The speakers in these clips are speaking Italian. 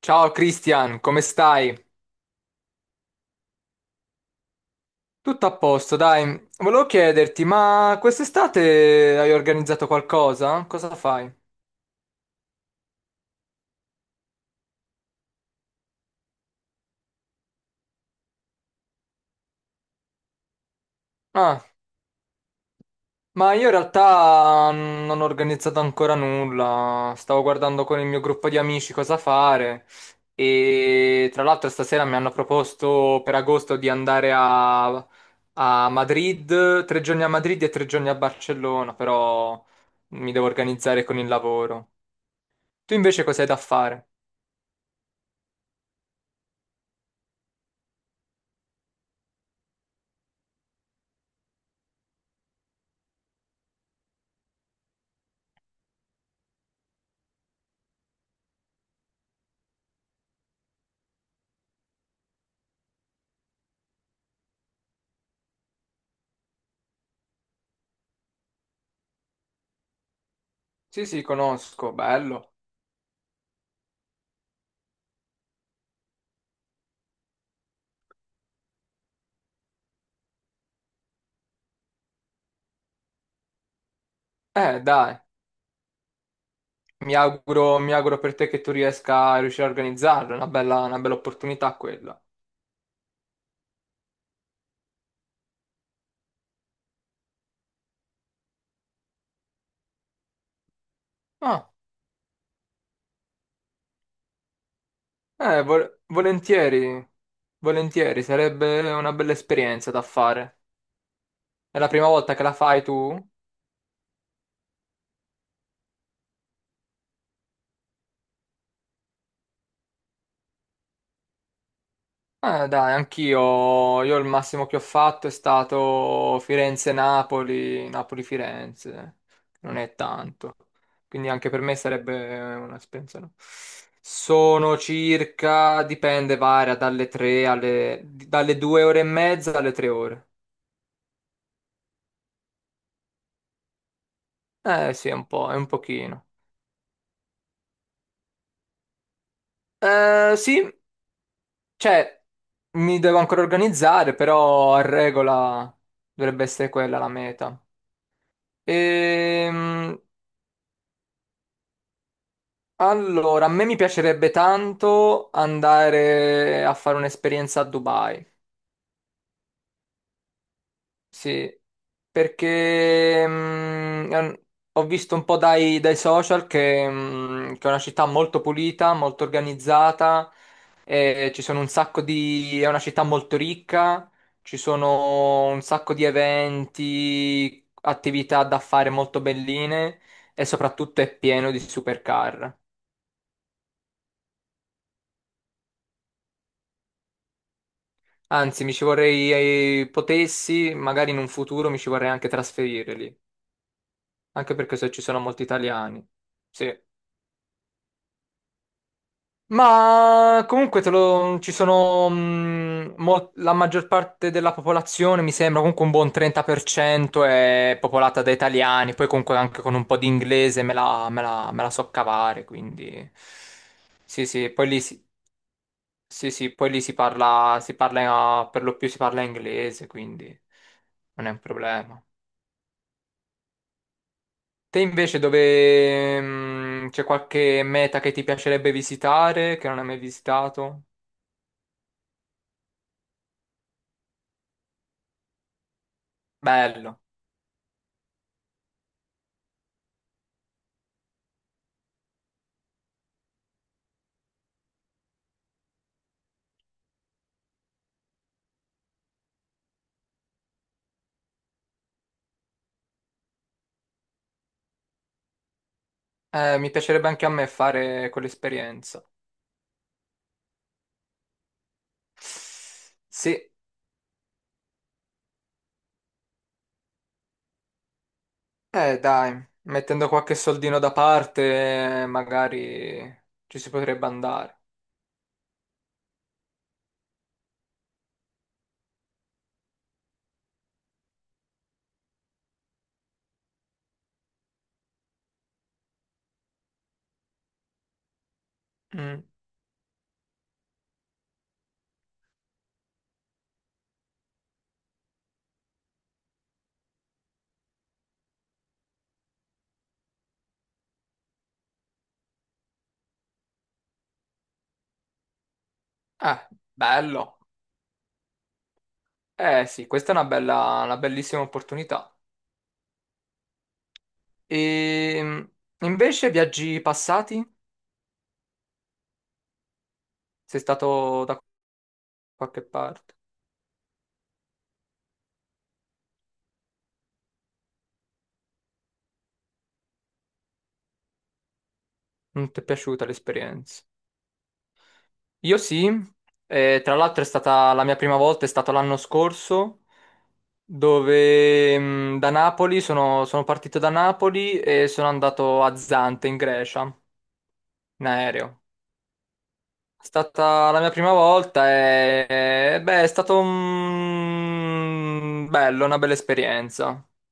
Ciao Christian, come stai? Tutto a posto, dai. Volevo chiederti, ma quest'estate hai organizzato qualcosa? Cosa fai? Ah, ma io in realtà non ho organizzato ancora nulla. Stavo guardando con il mio gruppo di amici cosa fare. E tra l'altro stasera mi hanno proposto per agosto di andare a Madrid, tre giorni a Madrid e tre giorni a Barcellona, però mi devo organizzare con il lavoro. Tu invece cosa hai da fare? Sì, sì, conosco, bello. Dai, mi auguro per te che tu riesca a riuscire a organizzarlo, è una bella opportunità quella. Ah, volentieri, volentieri, sarebbe una bella esperienza da fare. È la prima volta che la fai tu? Dai, anch'io, io il massimo che ho fatto è stato Firenze-Napoli, Napoli-Firenze, non è tanto, quindi anche per me sarebbe un'esperienza, no? Sono circa, dipende, varia dalle 3 dalle 2 ore e mezza alle 3 ore. Eh sì, è un po', è un pochino. Eh sì, cioè, mi devo ancora organizzare, però a regola dovrebbe essere quella la meta. Ehm, Allora, a me mi piacerebbe tanto andare a fare un'esperienza a Dubai, sì, perché ho visto un po' dai social che, che è una città molto pulita, molto organizzata, e ci sono un sacco di... è una città molto ricca, ci sono un sacco di eventi, attività da fare molto belline e soprattutto è pieno di supercar. Anzi, mi ci vorrei, potessi, magari in un futuro mi ci vorrei anche trasferire lì, anche perché ci sono molti italiani. Sì. Ma comunque ci sono la maggior parte della popolazione, mi sembra, comunque un buon 30% è popolata da italiani, poi comunque anche con un po' di inglese me la so cavare, quindi sì, sì, sì, sì, poi lì si parla, per lo più si parla inglese, quindi non è un problema. Te invece dove c'è qualche meta che ti piacerebbe visitare, che non hai mai visitato? Bello. Mi piacerebbe anche a me fare quell'esperienza. Sì, dai, mettendo qualche soldino da parte, magari ci si potrebbe andare. Mm. Eh, bello. Eh sì, questa è una bella, una bellissima opportunità. E invece viaggi passati? Sei stato da qualche parte? Non ti è piaciuta l'esperienza? Io sì, tra l'altro è stata la mia prima volta, è stato l'anno scorso, dove da Napoli sono partito da Napoli e sono andato a Zante in Grecia, in aereo. È stata la mia prima volta e beh, è stato un... bello, una bella esperienza. Mi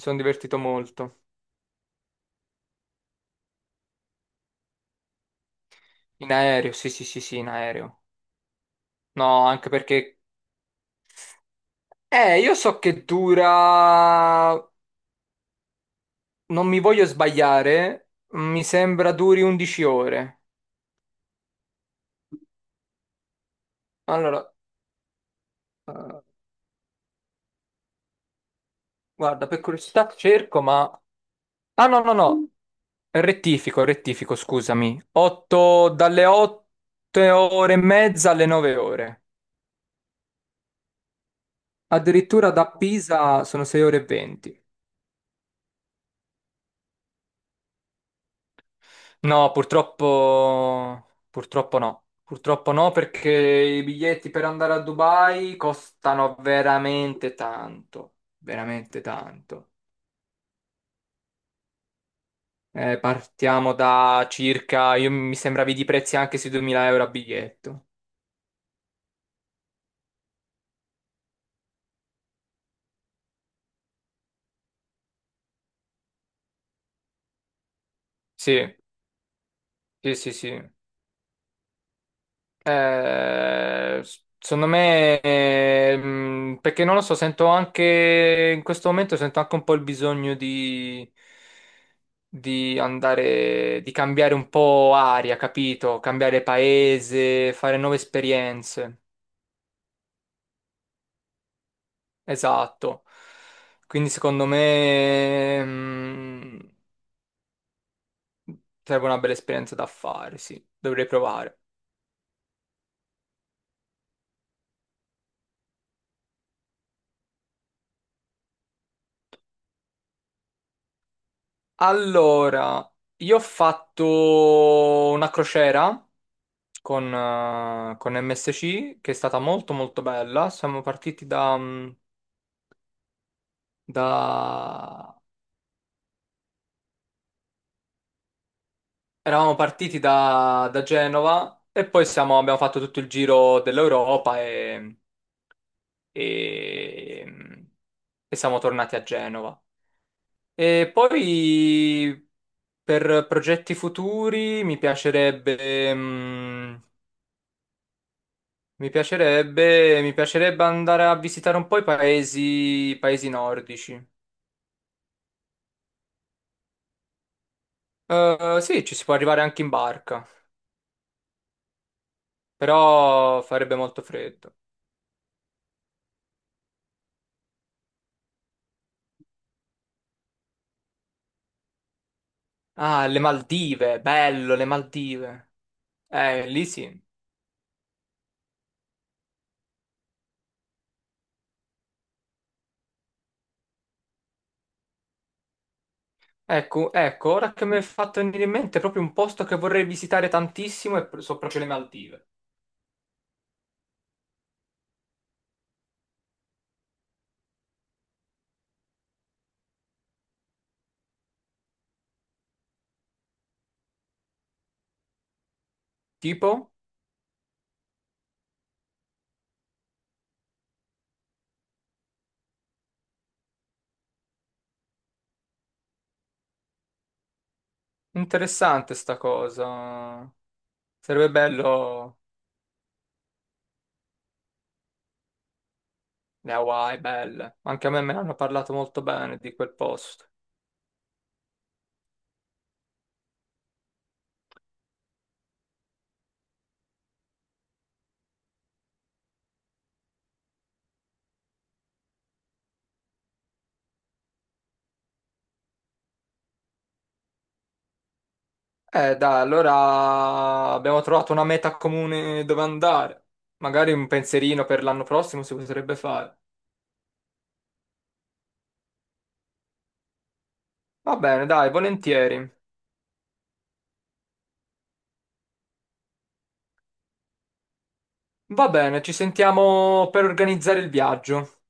sono divertito molto. In aereo, sì, sì, sì, sì, in aereo. No, anche perché... io so che dura, non mi voglio sbagliare, mi sembra duri 11 ore. Allora, eh, guarda, per curiosità cerco, ma... Ah, no, no, no, rettifico, rettifico, scusami. 8, dalle 8 ore e mezza alle 9 ore. Addirittura da Pisa sono 6 ore e 20. No, purtroppo... Purtroppo no. Purtroppo no, perché i biglietti per andare a Dubai costano veramente tanto, veramente tanto. Partiamo da circa, io- mi sembravi di prezzi anche sui 2000 € a biglietto. Sì, sì, sì, sì. S- secondo me, perché non lo so, sento anche, in questo momento sento anche un po' il bisogno di andare, di cambiare un po' aria, capito? Cambiare paese, fare nuove esperienze. Esatto. Quindi secondo me... sarebbe una bella esperienza da fare, sì. Dovrei provare. Allora, io ho fatto una crociera con MSC che è stata molto molto bella. Siamo partiti da... da- eravamo partiti da Genova e poi abbiamo fatto tutto il giro dell'Europa e, mm, e siamo tornati a Genova. E poi per progetti futuri mi piacerebbe, mm, mi piacerebbe andare a visitare un po' i paesi nordici. Sì, ci si può arrivare anche in barca, però farebbe molto freddo. Ah, le Maldive, bello, le Maldive. Lì sì. Ecco, ecco, ora che mi è fatto venire in mente è proprio un posto che vorrei visitare tantissimo e so proprio le Maldive. Tipo? Interessante sta cosa. Sarebbe bello le Hawaii, belle. Anche a me me ne hanno parlato molto bene di quel posto. Dai, allora abbiamo trovato una meta comune dove andare. Magari un pensierino per l'anno prossimo si potrebbe fare. Va bene, dai, volentieri. Va bene, ci sentiamo per organizzare il viaggio.